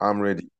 I'm ready.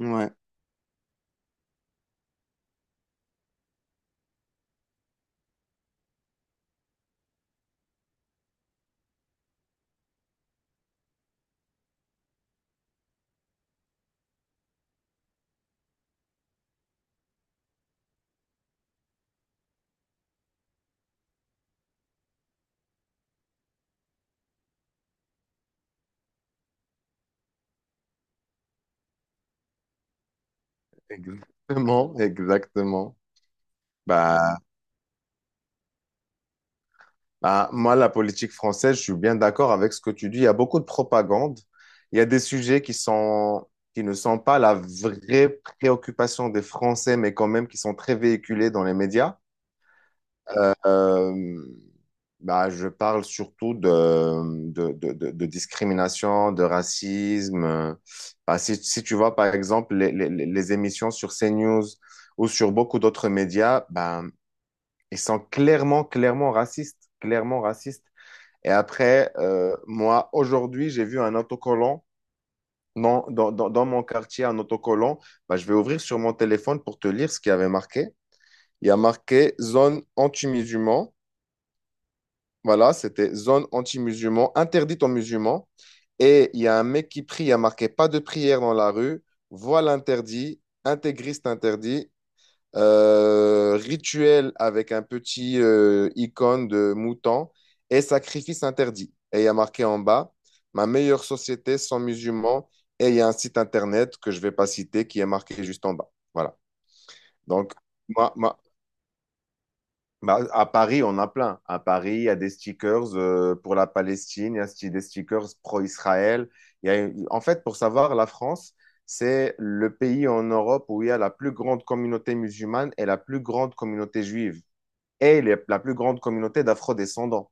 Ouais. Exactement, exactement. Bah, bah, moi, la politique française, je suis bien d'accord avec ce que tu dis. Il y a beaucoup de propagande. Il y a des sujets qui ne sont pas la vraie préoccupation des Français, mais quand même qui sont très véhiculés dans les médias. Euh, bah, je parle surtout de discrimination, de racisme. Bah, si tu vois, par exemple, les émissions sur CNews ou sur beaucoup d'autres médias, bah, ils sont clairement, clairement racistes. Clairement racistes. Et après, moi, aujourd'hui, j'ai vu un autocollant dans mon quartier, un autocollant. Bah, je vais ouvrir sur mon téléphone pour te lire ce qu'il y avait marqué. Il y a marqué zone anti-musulman. Voilà, c'était zone anti-musulman, interdite aux musulmans. Et il y a un mec qui prie, il y a marqué pas de prière dans la rue, voile interdit, intégriste interdit, rituel avec un petit icône de mouton et sacrifice interdit. Et il y a marqué en bas, ma meilleure société sans musulmans. Et il y a un site internet que je vais pas citer qui est marqué juste en bas. Voilà. Donc, moi, bah, à Paris, on a plein. À Paris, il y a des stickers pour la Palestine, il y a des stickers pro-Israël. En fait, pour savoir, la France, c'est le pays en Europe où il y a la plus grande communauté musulmane et la plus grande communauté juive est la plus grande communauté d'afro-descendants.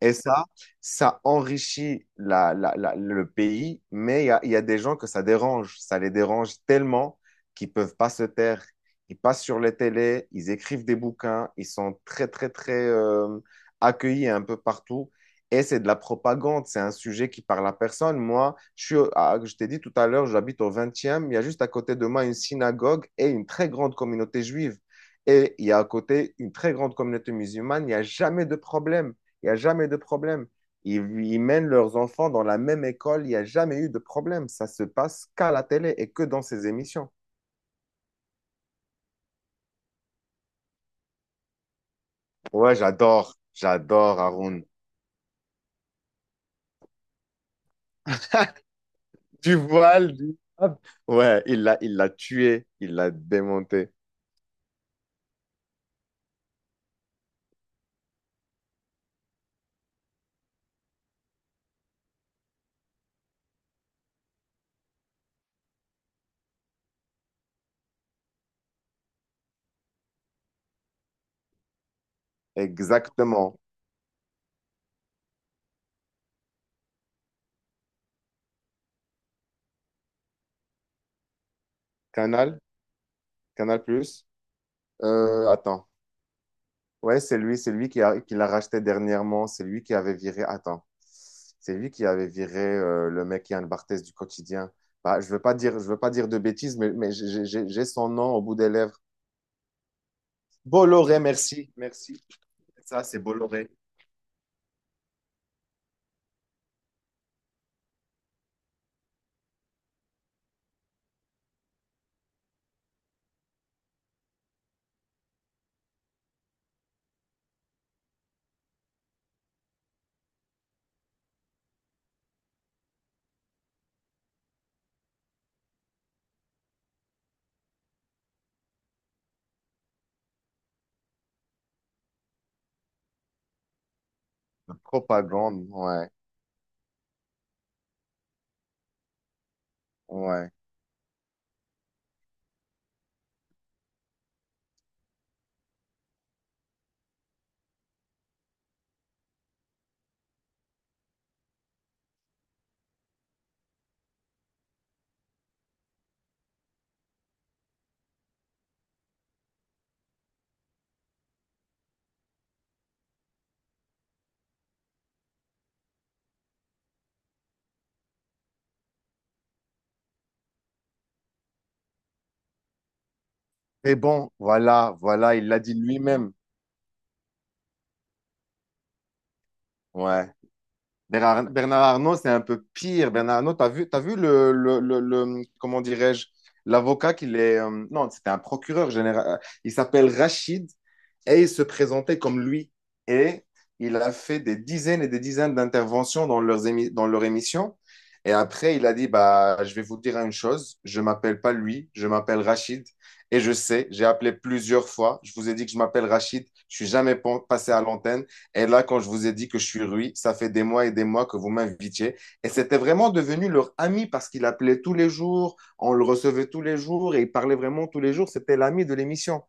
Et ça, ça enrichit le pays, mais il y a des gens que ça dérange. Ça les dérange tellement qu'ils peuvent pas se taire. Ils passent sur les télés, ils écrivent des bouquins, ils sont très, très, très accueillis un peu partout. Et c'est de la propagande, c'est un sujet qui parle à personne. Moi, je t'ai dit tout à l'heure, j'habite au 20e, il y a juste à côté de moi une synagogue et une très grande communauté juive. Et il y a à côté une très grande communauté musulmane, il n'y a jamais de problème. Il n'y a jamais de problème. Ils, ils mènent leurs enfants dans la même école. Il n'y a jamais eu de problème. Ça se passe qu'à la télé et que dans ces émissions. Ouais, j'adore. J'adore Haroun. Tu vois, lui. Hop. Ouais, il l'a tué. Il l'a démonté. Exactement. Canal, Canal Plus. Attends. Ouais, c'est lui, qui l'a racheté dernièrement. C'est lui qui avait viré. Attends, c'est lui qui avait viré le mec Yann Barthès du quotidien. Bah, je veux pas dire de bêtises, mais j'ai son nom au bout des lèvres. Bolloré, merci, merci. Ça, c'est Bolloré. La propagande, ouais, ouais. Et bon, voilà, voilà, il l'a dit lui-même. Ouais. Bernard Arnault, c'est un peu pire. Bernard Arnault, t'as vu comment dirais-je, l'avocat qu'il est, non, c'était un procureur général. Il s'appelle Rachid et il se présentait comme lui. Et il a fait des dizaines et des dizaines d'interventions dans dans leur émission. Et après, il a dit, bah, je vais vous dire une chose, je m'appelle pas lui, je m'appelle Rachid. Et je sais, j'ai appelé plusieurs fois, je vous ai dit que je m'appelle Rachid, je suis jamais passé à l'antenne. Et là, quand je vous ai dit que je suis Rui, ça fait des mois et des mois que vous m'invitiez. Et c'était vraiment devenu leur ami parce qu'il appelait tous les jours, on le recevait tous les jours et il parlait vraiment tous les jours. C'était l'ami de l'émission.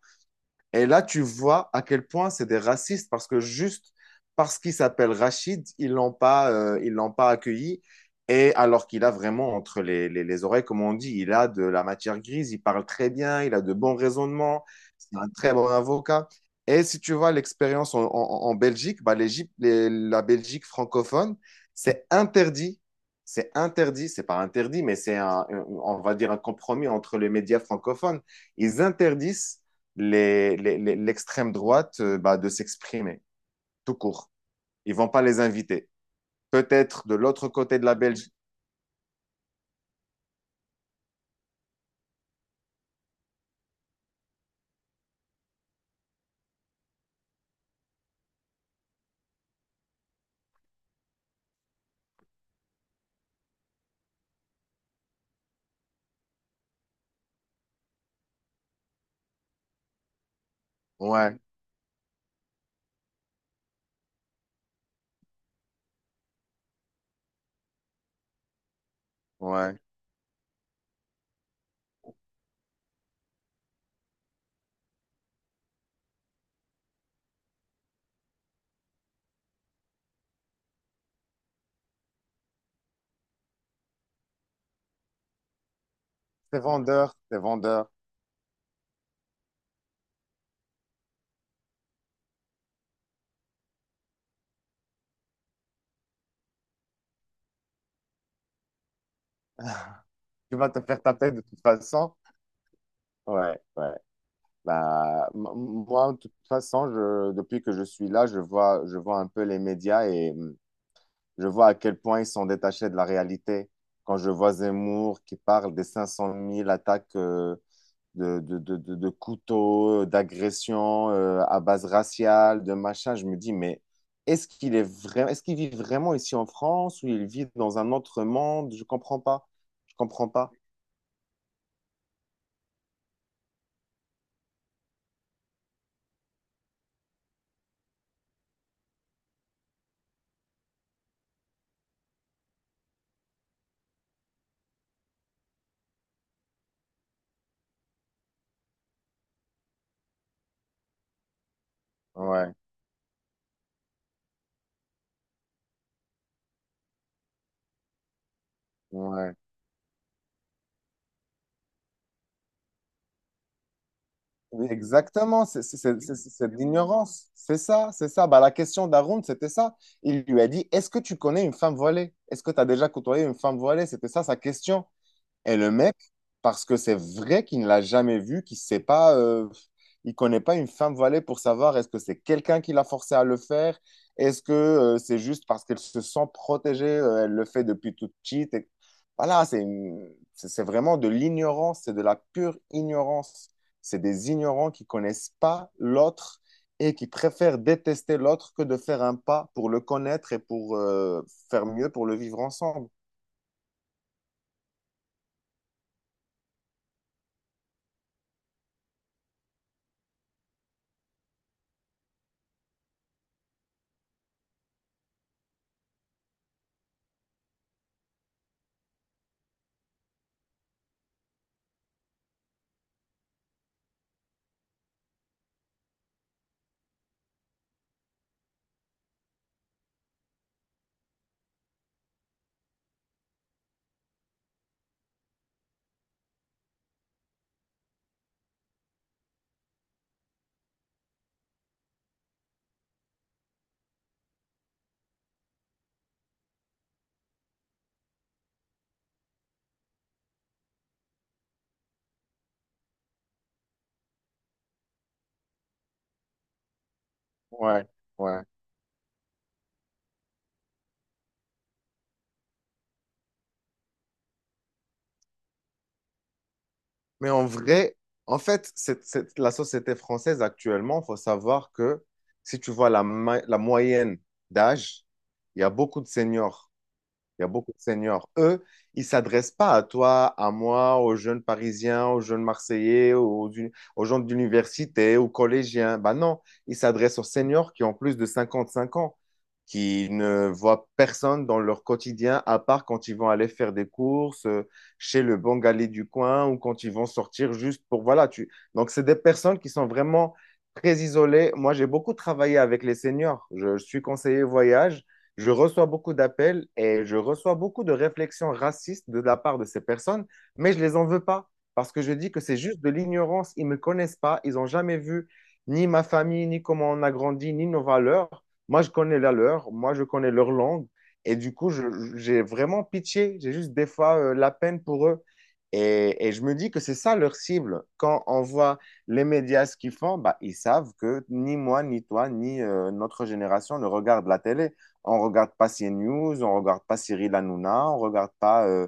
Et là, tu vois à quel point c'est des racistes parce que juste parce qu'il s'appelle Rachid, ils l'ont pas accueilli. Et alors qu'il a vraiment entre les oreilles, comme on dit, il a de la matière grise, il parle très bien, il a de bons raisonnements, c'est un très bon avocat. Et si tu vois l'expérience en Belgique, bah, la Belgique francophone, c'est interdit. C'est pas interdit, mais c'est on va dire un compromis entre les médias francophones. Ils interdisent l'extrême droite bah, de s'exprimer, tout court. Ils ne vont pas les inviter. Peut-être de l'autre côté de la Belgique. Ouais, ouais. C'est vendeur, c'est vendeur. Tu vas te faire taper de toute façon. Ouais, ouais. Bah, moi, de toute façon, je, depuis que je suis là, je vois un peu les médias et je vois à quel point ils sont détachés de la réalité. Quand je vois Zemmour qui parle des 500 000 attaques de couteaux, d'agressions à base raciale, de machin. Je me dis, mais est-ce qu'il est vrai, est-ce qu'il vit vraiment ici en France ou il vit dans un autre monde? Je comprends pas. Je comprends pas. Ouais, ouais. Oui, exactement, c'est de l'ignorance. C'est ça, c'est ça. Bah, la question d'Arun, c'était ça. Il lui a dit, est-ce que tu connais une femme voilée? Est-ce que tu as déjà côtoyé une femme voilée? C'était ça sa question. Et le mec, parce que c'est vrai qu'il ne l'a jamais vu, qu'il sait pas, il connaît pas une femme voilée pour savoir est-ce que c'est quelqu'un qui l'a forcé à le faire, est-ce que c'est juste parce qu'elle se sent protégée, elle le fait depuis toute petite. Voilà, c'est c'est vraiment de l'ignorance, c'est de la pure ignorance. C'est des ignorants qui connaissent pas l'autre et qui préfèrent détester l'autre que de faire un pas pour le connaître et pour faire mieux pour le vivre ensemble. Ouais, ouais. Mais en vrai, en fait, la société française actuellement, il faut savoir que si tu vois la moyenne d'âge, il y a beaucoup de seniors, il y a beaucoup de seniors. Eux, ils ne s'adressent pas à toi, à moi, aux jeunes Parisiens, aux jeunes Marseillais, aux gens d'université, aux collégiens. Ben non, ils s'adressent aux seniors qui ont plus de 55 ans, qui ne voient personne dans leur quotidien, à part quand ils vont aller faire des courses chez le Bengali du coin ou quand ils vont sortir juste pour... Voilà, tu... Donc, c'est des personnes qui sont vraiment très isolées. Moi, j'ai beaucoup travaillé avec les seniors. Je suis conseiller voyage. Je reçois beaucoup d'appels et je reçois beaucoup de réflexions racistes de la part de ces personnes, mais je les en veux pas parce que je dis que c'est juste de l'ignorance. Ils me connaissent pas, ils ont jamais vu ni ma famille, ni comment on a grandi, ni nos valeurs. Moi, je connais la leur, moi, je connais leur langue. Et du coup, j'ai vraiment pitié, j'ai juste des fois la peine pour eux. Et je me dis que c'est ça leur cible. Quand on voit les médias ce qu'ils font, bah, ils savent que ni moi, ni toi, ni notre génération ne regarde la télé. On ne regarde pas CNews, on ne regarde pas Cyril Hanouna, on ne regarde pas,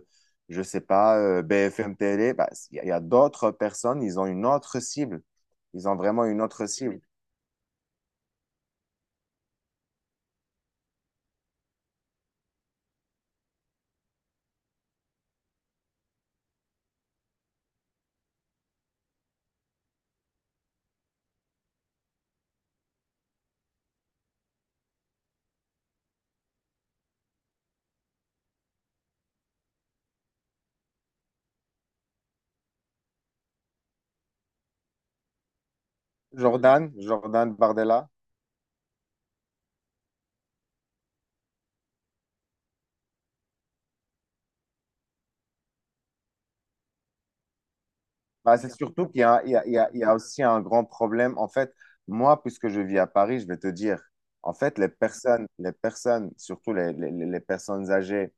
je ne sais pas, BFM Télé. Bah, Il bah, y a, y a d'autres personnes, ils ont une autre cible. Ils ont vraiment une autre cible. Jordan Bardella. Bah, c'est surtout qu'il y a, il y a- il y a- il y a aussi un grand problème. En fait, moi, puisque je vis à Paris, je vais te dire, en fait, les personnes, surtout les les personnes âgées,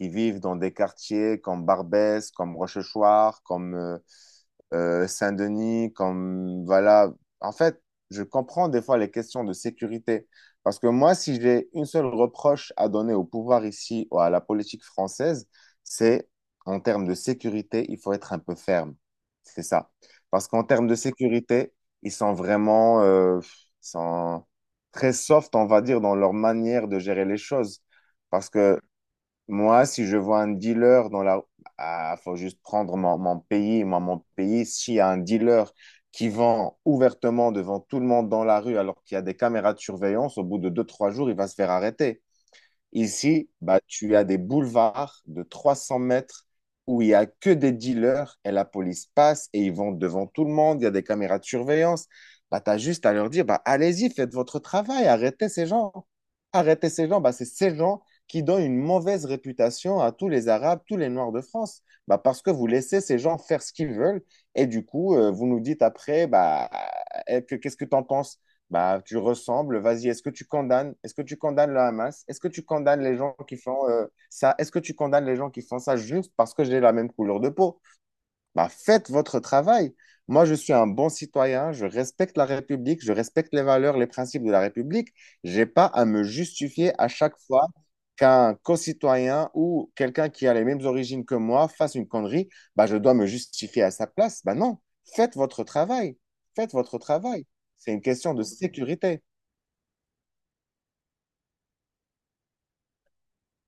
qui vivent dans des quartiers comme Barbès, comme Rochechouart, comme Saint-Denis, comme voilà. En fait, je comprends des fois les questions de sécurité. Parce que moi, si j'ai une seule reproche à donner au pouvoir ici ou à la politique française, c'est en termes de sécurité, il faut être un peu ferme. C'est ça. Parce qu'en termes de sécurité, ils sont vraiment ils sont très soft, on va dire, dans leur manière de gérer les choses. Parce que moi, si je vois un dealer dans la... Ah, faut juste prendre mon pays. Moi, mon pays, s'il y a un dealer qui vend ouvertement devant tout le monde dans la rue alors qu'il y a des caméras de surveillance, au bout de deux, trois jours, il va se faire arrêter. Ici, bah, tu as des boulevards de 300 mètres où il n'y a que des dealers et la police passe et ils vont devant tout le monde, il y a des caméras de surveillance. Bah, tu as juste à leur dire, bah, allez-y, faites votre travail, arrêtez ces gens. Arrêtez ces gens, bah, c'est ces gens qui donnent une mauvaise réputation à tous les Arabes, tous les Noirs de France, bah, parce que vous laissez ces gens faire ce qu'ils veulent et du coup, vous nous dites après, bah, eh, qu'est-ce que tu en penses? Bah, tu ressembles, vas-y, est-ce que tu condamnes, est-ce que tu condamnes le Hamas? Est-ce que tu condamnes les gens qui font ça? Est-ce que tu condamnes les gens qui font ça juste parce que j'ai la même couleur de peau? Bah, faites votre travail. Moi, je suis un bon citoyen, je respecte la République, je respecte les valeurs, les principes de la République. J'ai pas à me justifier à chaque fois qu'un co-citoyen ou quelqu'un qui a les mêmes origines que moi fasse une connerie. Bah, je dois me justifier à sa place. Bah non, faites votre travail. Faites votre travail. C'est une question de sécurité.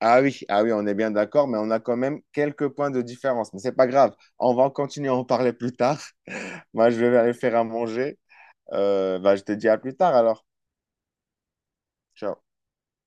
Ah oui, ah oui, on est bien d'accord, mais on a quand même quelques points de différence. Mais c'est pas grave, on va en continuer à en parler plus tard. Moi, je vais aller faire à manger. Bah, je te dis à plus tard alors. Ciao.